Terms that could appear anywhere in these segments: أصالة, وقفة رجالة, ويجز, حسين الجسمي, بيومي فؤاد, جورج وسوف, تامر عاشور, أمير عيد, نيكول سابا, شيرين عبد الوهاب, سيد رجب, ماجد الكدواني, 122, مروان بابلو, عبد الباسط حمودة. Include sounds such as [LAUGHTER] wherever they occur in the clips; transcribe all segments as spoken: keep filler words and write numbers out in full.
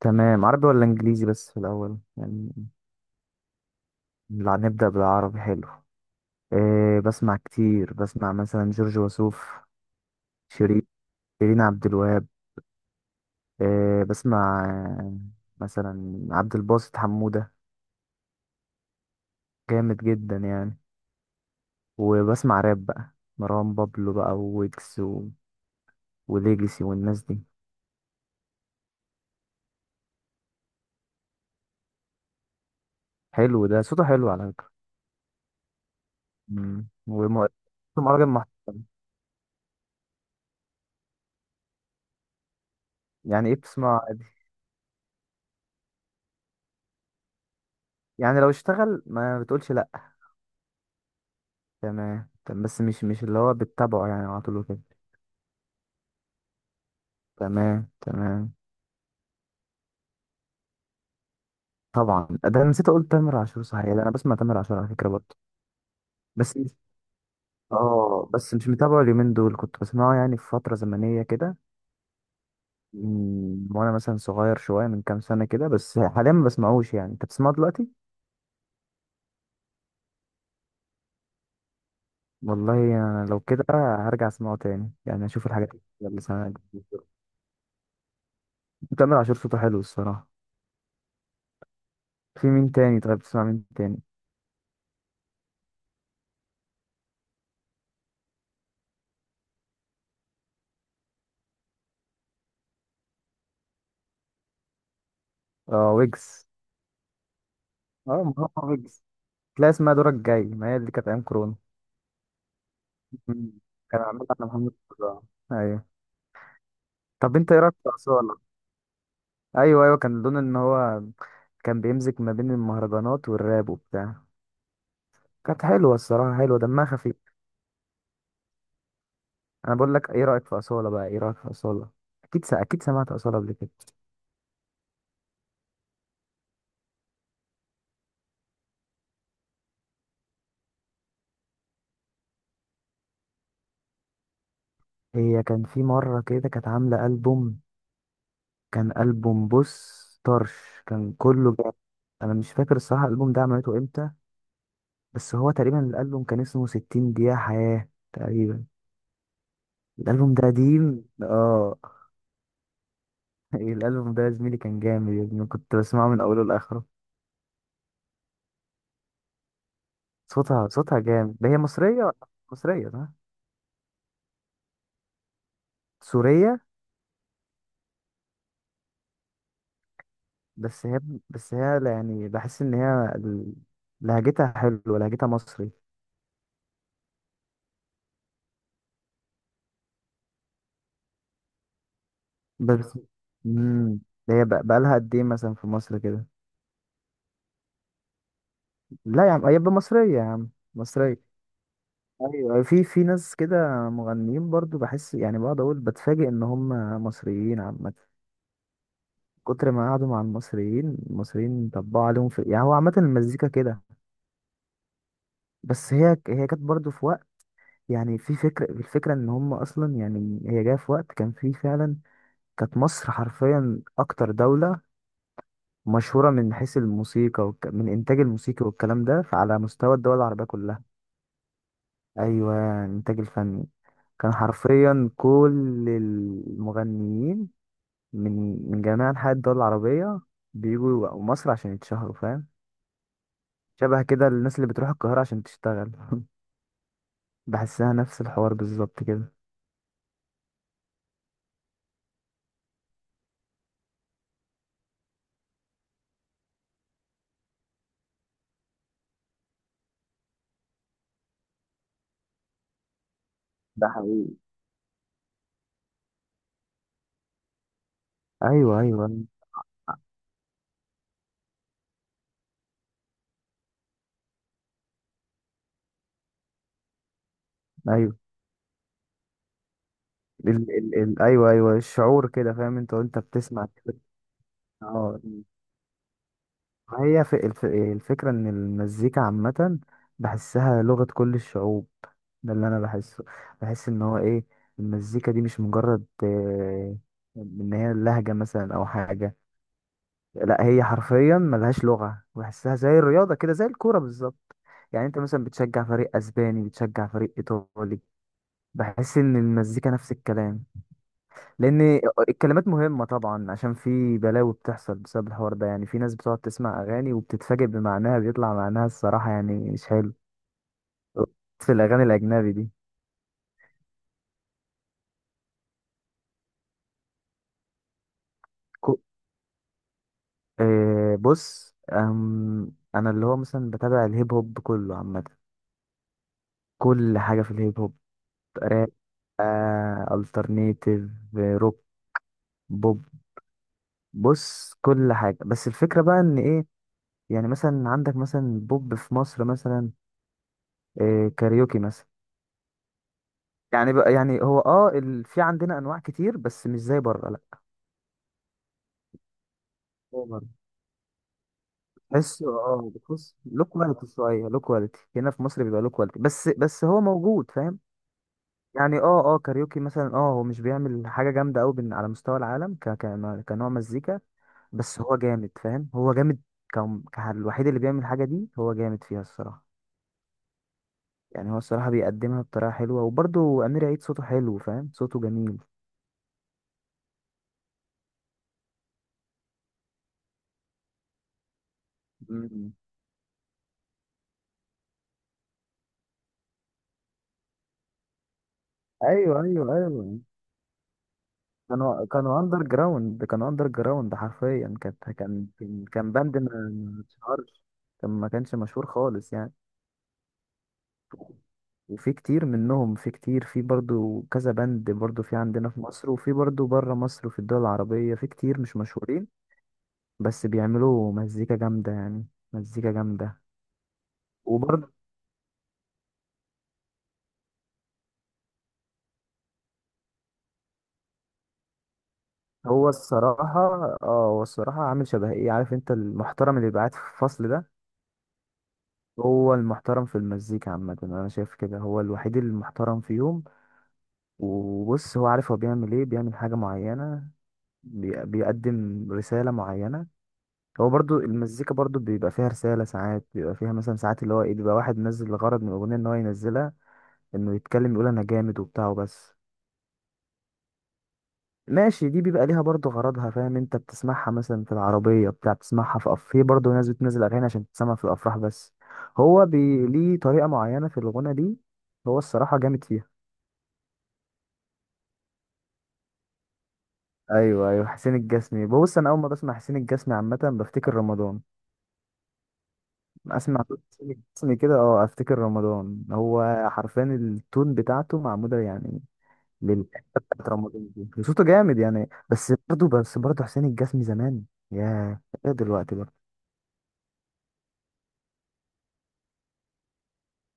تمام. عربي ولا انجليزي بس في الاول يعني؟ لا، نبدأ بالعربي. حلو. إيه بسمع كتير، بسمع مثلا جورج وسوف، شيرين، شيرين عبد الوهاب. إيه بسمع، آه، مثلا عبد الباسط حمودة. جامد جدا يعني. وبسمع راب بقى، مروان بابلو بقى وويجز و... وليجسي والناس دي. حلو، ده صوته حلو على فكرة. مم. وم... مهرجان محترم. يعني ايه بتسمعه عادي؟ يعني لو اشتغل ما بتقولش لا. تمام. طب بس مش مش اللي هو بتتابعه يعني على طول وكده. تمام، تمام. طبعا، ده انا نسيت اقول تامر عاشور، صحيح ده انا بسمع تامر عاشور على فكره برضه. بس مش اه بس مش متابعه اليومين دول، كنت بسمعه يعني في فتره زمنيه كده. من- وانا مثلا صغير شويه من كام سنه كده، بس حاليا ما بسمعوش. يعني انت بتسمعه دلوقتي؟ والله انا لو كده هرجع اسمعه تاني، يعني اشوف الحاجات اللي سمعت. تامر عاشور صوته حلو الصراحه. في مين تاني؟ طيب بتسمع مين تاني؟ اه، ويجز. اه، ما هو ويجز. لا، اسمها دورك جاي، ما هي اللي كانت ايام كورونا. مم. كان عاملها على محمد صلاح. ايوه. طب انت ايه رايك في اصاله؟ ايوه، ايوه، كان لون، ان هو كان بيمزج ما بين المهرجانات والراب وبتاع. كانت حلوه الصراحه، حلوه، دمها خفيف. انا بقول لك ايه رايك في اصاله بقى، ايه رايك في اصاله؟ اكيد س... اكيد سمعت اصاله قبل كده. هي كان في مره كده كانت عامله البوم، كان البوم، بص، طرش، كان كله جاب. انا مش فاكر الصراحه الالبوم ده عملته امتى، بس هو تقريبا الالبوم كان اسمه ستين دقيقة دقيقه حياه تقريبا. الالبوم ده قديم، اه. [LAUGHS] الالبوم ده يا زميلي كان جامد، يا ابني كنت بسمعه من اوله لاخره. صوتها صوتها جامد. ده هي مصريه ولا؟ مصريه، صح؟ سوريه؟ بس هي بس هي يعني بحس ان هي ال- لهجتها حلوه، لهجتها مصري. بس امم ده هي بقى لها قد ايه مثلا في مصر كده؟ لا يا عم، هي مصريه يا عم، مصريه. ايوه، في في ناس كده مغنيين برضو بحس، يعني بقعد اقول بتفاجئ ان هم مصريين عامه. كتر ما قعدوا مع المصريين، المصريين طبقوا عليهم في، يعني هو عامة المزيكا كده. بس هي هي كانت برضه في وقت، يعني في فكرة الفكرة ان هم اصلا، يعني هي جاية في وقت كان فيه فعلا كانت مصر حرفيا اكتر دولة مشهورة من حيث الموسيقى والك... من انتاج الموسيقى والكلام ده على مستوى الدول العربية كلها. ايوه، انتاج الفني. كان حرفيا كل المغنيين من من جميع انحاء الدول العربية بيجوا مصر عشان يتشهروا، فاهم؟ شبه كده الناس اللي بتروح القاهرة عشان تشتغل. [LAUGHS] بحسها نفس الحوار بالظبط كده. ده حقيقي. ايوه، ايوه، ايوه. ال ال ال ايوه، ايوه، الشعور كده. فاهم انت وانت بتسمع كده؟ اه، ما هي في الف الفكرة ان المزيكا عامة بحسها لغة كل الشعوب. ده اللي انا بحسه. بحس ان هو ايه، المزيكا دي مش مجرد آه، ان هي لهجة مثلا او حاجة. لا، هي حرفيا ملهاش لغة، بحسها زي الرياضة كده، زي الكورة بالظبط. يعني انت مثلا بتشجع فريق اسباني، بتشجع فريق ايطالي، بحس ان المزيكا نفس الكلام. لان الكلمات مهمة طبعا، عشان في بلاوي بتحصل بسبب الحوار ده. يعني في ناس بتقعد تسمع اغاني وبتتفاجئ بمعناها، بيطلع معناها الصراحة يعني مش حلو، في الاغاني الاجنبي دي. كو... آه بص، أم... انا اللي هو مثلا بتابع الهيب هوب كله عامة، كل حاجة في الهيب هوب، آه الترنيتيف، روك، بوب. بص كل حاجه، بس الفكره بقى ان ايه، يعني مثلا عندك مثلا بوب في مصر مثلا، إيه، كاريوكي مثلا. يعني بقى يعني هو اه ال... في عندنا انواع كتير بس مش زي بره، لا. هو بره تحس اه بتحس له كواليتي شويه، له كواليتي. هنا في مصر بيبقى له كواليتي، بس بس هو موجود، فاهم؟ يعني اه اه كاريوكي مثلا، اه هو مش بيعمل حاجة جامدة قوي على مستوى العالم ك ك- كنوع مزيكا. بس هو جامد، فاهم؟ هو جامد. كم ك- الوحيد اللي بيعمل الحاجة دي هو جامد فيها الصراحة. يعني هو الصراحة بيقدمها بطريقة حلوة، وبرضه أمير عيد صوته حلو، فاهم؟ صوته جميل. مم. ايوه، ايوه، ايوه. كانوا كانوا أندر جراوند، كانوا أندر جراوند حرفيا، كانت كان كان كان باند ما ما اتشهرش. كان ما كانش مشهور خالص يعني. وفي كتير منهم، في كتير، في برضو كذا بند، برضو في عندنا في مصر، وفي برضو بره مصر، وفي الدول العربية في كتير مش مشهورين. بس بيعملوا مزيكا جامدة يعني، مزيكا جامدة. وبرضو، هو الصراحة اه هو الصراحة عامل شبه ايه، عارف انت المحترم اللي بيبقى قاعد في الفصل ده؟ هو المحترم في المزيكا عامة، انا شايف كده، هو الوحيد المحترم فيهم. وبص، هو عارف هو بيعمل ايه، بيعمل حاجة معينة، بي- بيقدم رسالة معينة. هو برضو المزيكا برضو بيبقى فيها رسالة ساعات، بيبقى فيها مثلا ساعات اللي هو ايه، بيبقى واحد منزل الغرض من الأغنية ان هو ينزلها، انه يتكلم يقول انا جامد وبتاع وبس. ماشي، دي بيبقى ليها برضو غرضها، فاهم؟ انت بتسمعها مثلا في العربية بتاع، بتسمعها في أف... في برضو ناس بتنزل أغاني عشان تسمع في الأفراح بس. هو بي... ليه طريقة معينة في الغنى دي، هو الصراحة جامد فيها. ايوه، ايوه، حسين الجسمي، بص انا اول ما بسمع حسين الجسمي عامة بفتكر رمضان. اسمع، اسمي كده، اه افتكر رمضان. هو حرفيا التون بتاعته معموله يعني للحته بتاعت رمضان دي، صوته جامد يعني. بس برضه بس برضه حسين الجسمي زمان. ياه. ايه دلوقتي بقى؟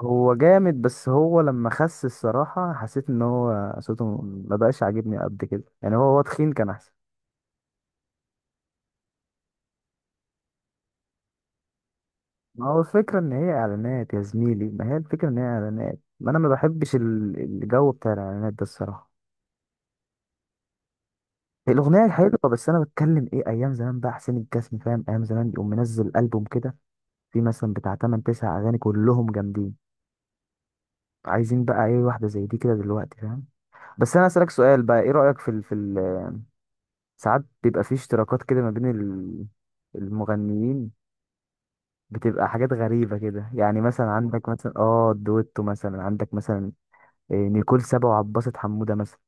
هو جامد، بس هو لما خس الصراحه حسيت ان هو صوته ما بقاش عاجبني قد كده. يعني هو هو تخين كان احسن. ما هو الفكره ان هي اعلانات يا زميلي، ما هي الفكره ان هي اعلانات، ما انا ما بحبش ال- الجو بتاع الاعلانات ده الصراحه. الأغنية حلوة بس أنا بتكلم إيه، أيام زمان بقى حسين الجسمي فاهم، أيام زمان يقوم منزل ألبوم كده فيه مثلا بتاع تمن تسع أغاني كلهم جامدين. عايزين بقى إيه واحدة زي دي كده دلوقتي، فاهم؟ بس أنا أسألك سؤال بقى، إيه رأيك؟ في ال في ال ساعات بيبقى فيه اشتراكات كده ما بين ال- المغنيين، بتبقى حاجات غريبة كده. يعني مثلا عندك مثلا آه دويتو مثلا، عندك مثلا إيه، نيكول سابا وعباسة حمودة مثلا.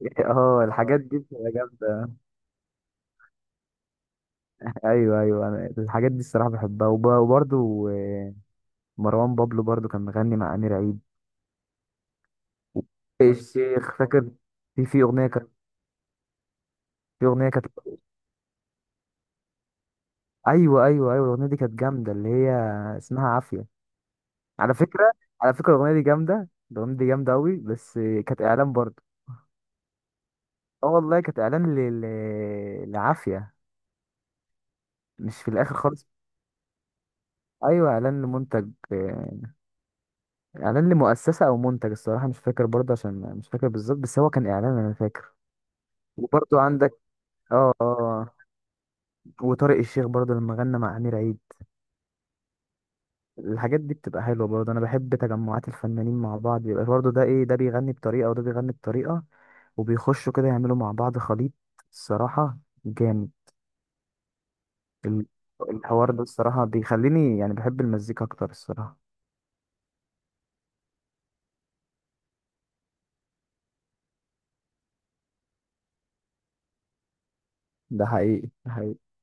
[LAUGHS] اه، الحاجات دي بتبقى جامدة. ايوه، ايوه، انا الحاجات دي الصراحه بحبها وب- وبرضو آه، مروان بابلو برضو كان مغني مع امير عيد الشيخ، فاكر؟ في في اغنيه كانت، في اغنيه كانت، ايوه، ايوه، ايوه، الاغنيه دي كانت جامده اللي هي اسمها عافيه، على فكره. على فكره الاغنيه دي جامده، الاغنيه دي جامده قوي، بس كانت اعلان برضه. اه والله كانت اعلان ل... ل... لعافيه، مش في الاخر خالص. ايوه، اعلان لمنتج، اعلان لمؤسسه او منتج الصراحه مش فاكر برضه، عشان مش فاكر بالظبط، بس هو كان اعلان انا فاكر. وبرضه عندك، اه اه وطارق الشيخ برضه لما غنى مع امير عيد. الحاجات دي بتبقى حلوة برضه، أنا بحب تجمعات الفنانين مع بعض، بيبقى برضه ده إيه، ده بيغني بطريقة وده بيغني بطريقة، وبيخشوا كده يعملوا مع بعض خليط الصراحة جامد. ال- الحوار ده الصراحة بيخليني يعني بحب المزيكا أكتر الصراحة. ده حقيقي، ده حقيقي.